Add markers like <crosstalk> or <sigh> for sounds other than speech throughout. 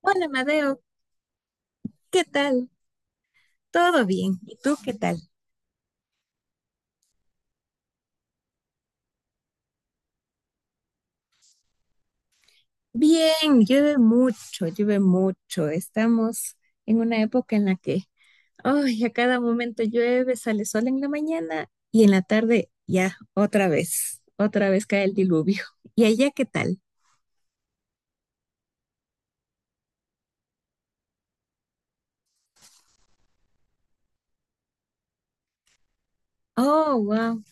Hola, Madeo, ¿qué tal? ¿Todo bien? ¿Y tú qué tal? Bien, llueve mucho, llueve mucho. Estamos en una época en la que, ay, a cada momento llueve, sale sol en la mañana y en la tarde ya otra vez cae el diluvio. <laughs> ¿Y allá qué tal? Oh, wow.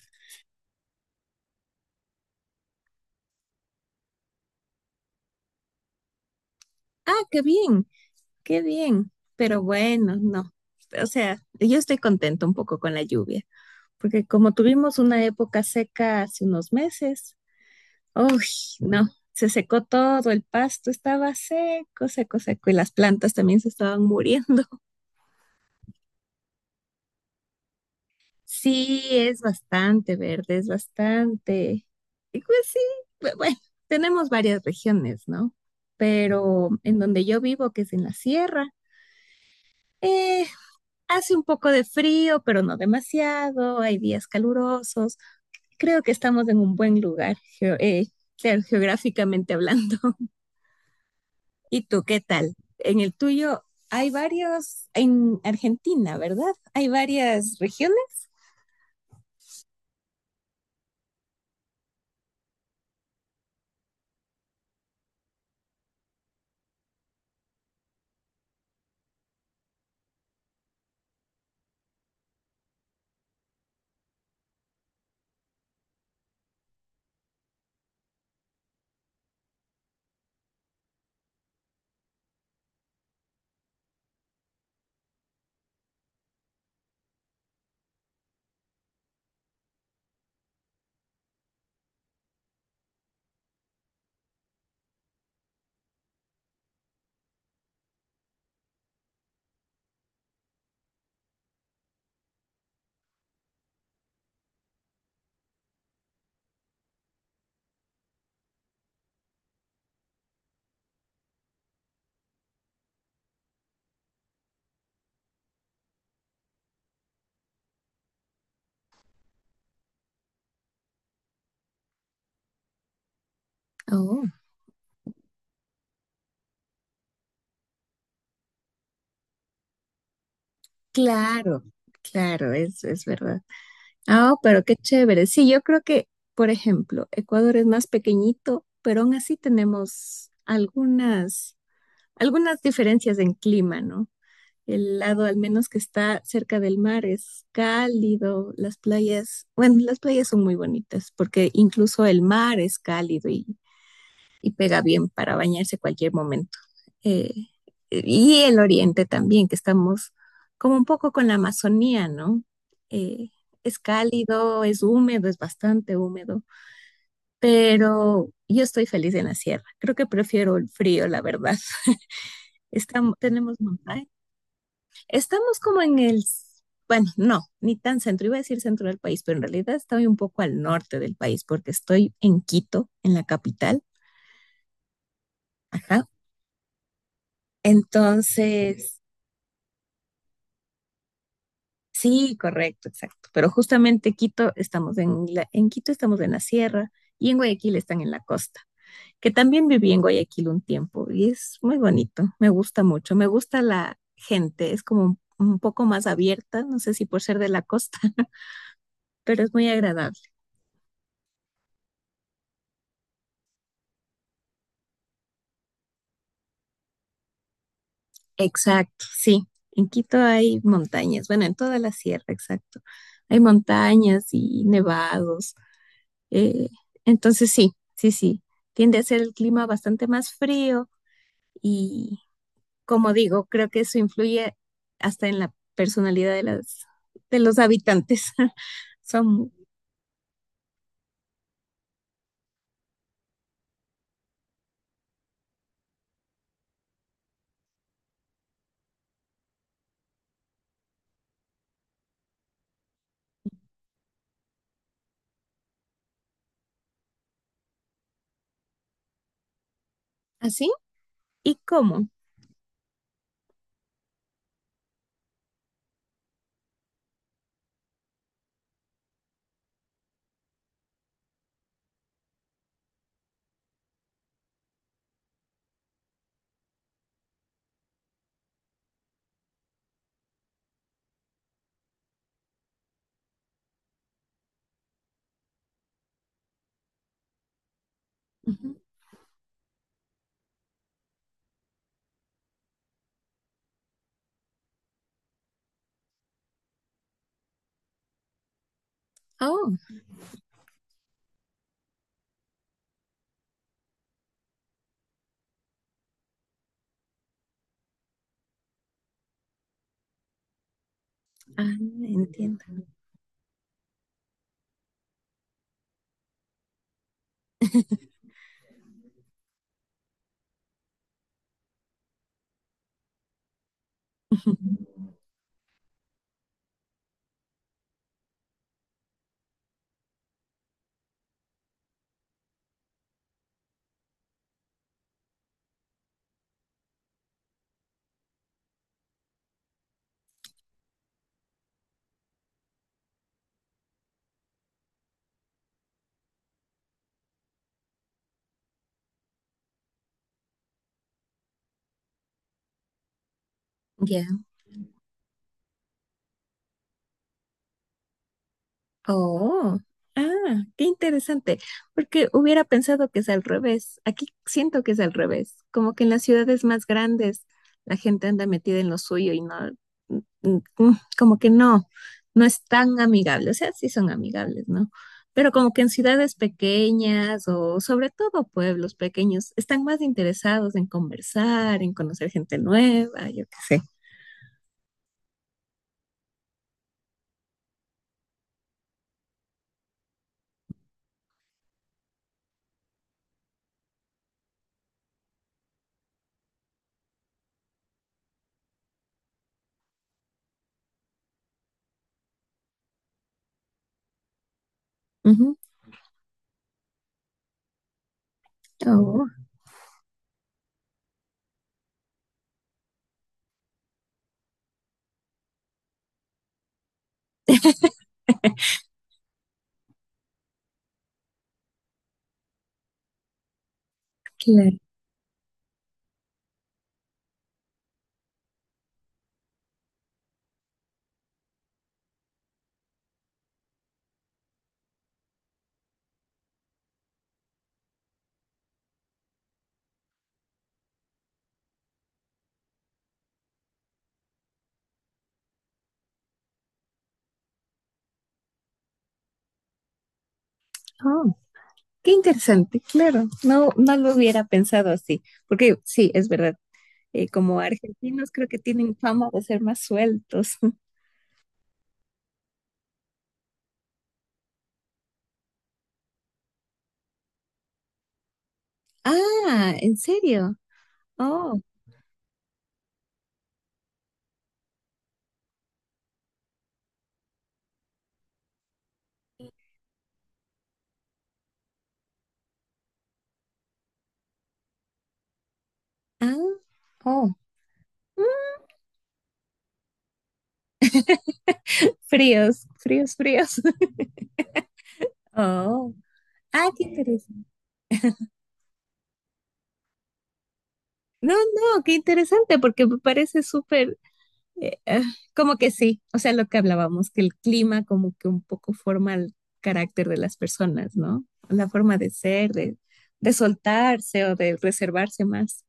Ah, qué bien, qué bien. Pero bueno, no. O sea, yo estoy contenta un poco con la lluvia, porque como tuvimos una época seca hace unos meses, uy, no, se secó todo, el pasto estaba seco, seco, seco y las plantas también se estaban muriendo. <laughs> Sí, es bastante verde, es bastante. Y pues sí, bueno, tenemos varias regiones, ¿no? Pero en donde yo vivo, que es en la sierra, eh, hace un poco de frío, pero no demasiado, hay días calurosos. Creo que estamos en un buen lugar, claro, geográficamente hablando. <laughs> ¿Y tú qué tal? En el tuyo hay varios, en Argentina, ¿verdad? Hay varias regiones. Oh, claro, claro, es verdad. Ah, oh, pero qué chévere. Sí, yo creo que, por ejemplo, Ecuador es más pequeñito, pero aún así tenemos algunas, algunas diferencias en clima, ¿no? El lado al menos que está cerca del mar es cálido, las playas, bueno, las playas son muy bonitas porque incluso el mar es cálido y pega bien para bañarse cualquier momento. Eh, y el oriente también, que estamos como un poco con la Amazonía, ¿no? Eh, es cálido, es húmedo, es bastante húmedo, pero yo estoy feliz en la sierra. Creo que prefiero el frío, la verdad. <laughs> Estamos, tenemos montaña. Estamos como en el, bueno, no, ni tan centro, iba a decir centro del país, pero en realidad estoy un poco al norte del país porque estoy en Quito, en la capital. Ajá. Entonces, sí, correcto, exacto. Pero justamente Quito estamos en Quito estamos en la sierra y en Guayaquil están en la costa. Que también viví en Guayaquil un tiempo y es muy bonito. Me gusta mucho. Me gusta la gente. Es como un poco más abierta. No sé si por ser de la costa, <laughs> pero es muy agradable. Exacto, sí. En Quito hay montañas. Bueno, en toda la sierra, exacto. Hay montañas y nevados. eh, entonces sí, sí, sí. Tiende a ser el clima bastante más frío. Y como digo, creo que eso influye hasta en la personalidad de, las, de los habitantes. <laughs> ¿Son así? ¿Y cómo? Ujú. Oh, ah, entiendo. <laughs> Ya. Oh, ah, qué interesante, porque hubiera pensado que es al revés. Aquí siento que es al revés, como que en las ciudades más grandes la gente anda metida en lo suyo y no, mm, como que no, no es tan amigable. O sea, sí son amigables, ¿no? Pero como que en ciudades pequeñas o sobre todo pueblos pequeños están más interesados en conversar, en conocer gente nueva, yo qué sé. Ujú. Oh, claro. Oh, qué interesante, claro. No, no lo hubiera pensado así, porque sí, es verdad. Como argentinos creo que tienen fama de ser más sueltos. <laughs> Ah, ¿en serio? Oh, ah, oh. Mm, fríos, fríos, fríos. <laughs> Oh, ah, qué interesante. No, no, qué interesante, porque me parece súper, eh, ah, como que sí, o sea, lo que hablábamos, que el clima como que un poco forma el carácter de las personas, ¿no? La forma de ser, de soltarse o de reservarse más.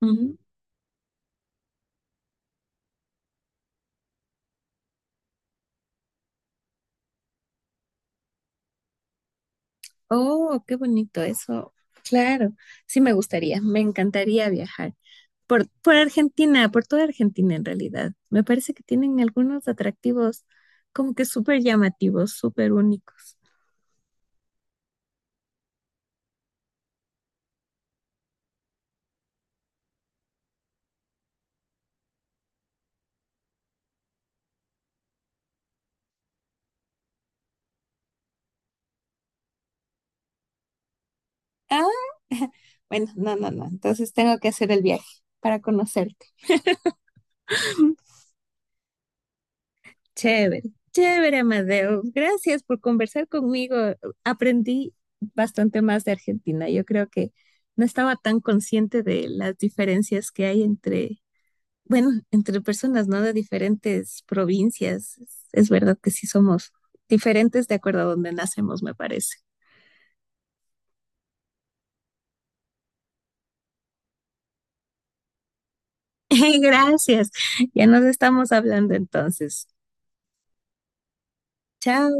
Ujú. Oh, qué bonito eso. Claro, sí me gustaría, me encantaría viajar por Argentina, por toda Argentina en realidad. Me parece que tienen algunos atractivos como que súper llamativos, súper únicos. Ah, bueno, no, no, no. Entonces tengo que hacer el viaje para conocerte. <laughs> Chévere, chévere, Amadeo. Gracias por conversar conmigo. Aprendí bastante más de Argentina. Yo creo que no estaba tan consciente de las diferencias que hay entre, bueno, entre personas, ¿no? De diferentes provincias. Es verdad que sí somos diferentes de acuerdo a donde nacemos, me parece. <laughs> Gracias. Ya nos estamos hablando entonces. Chao.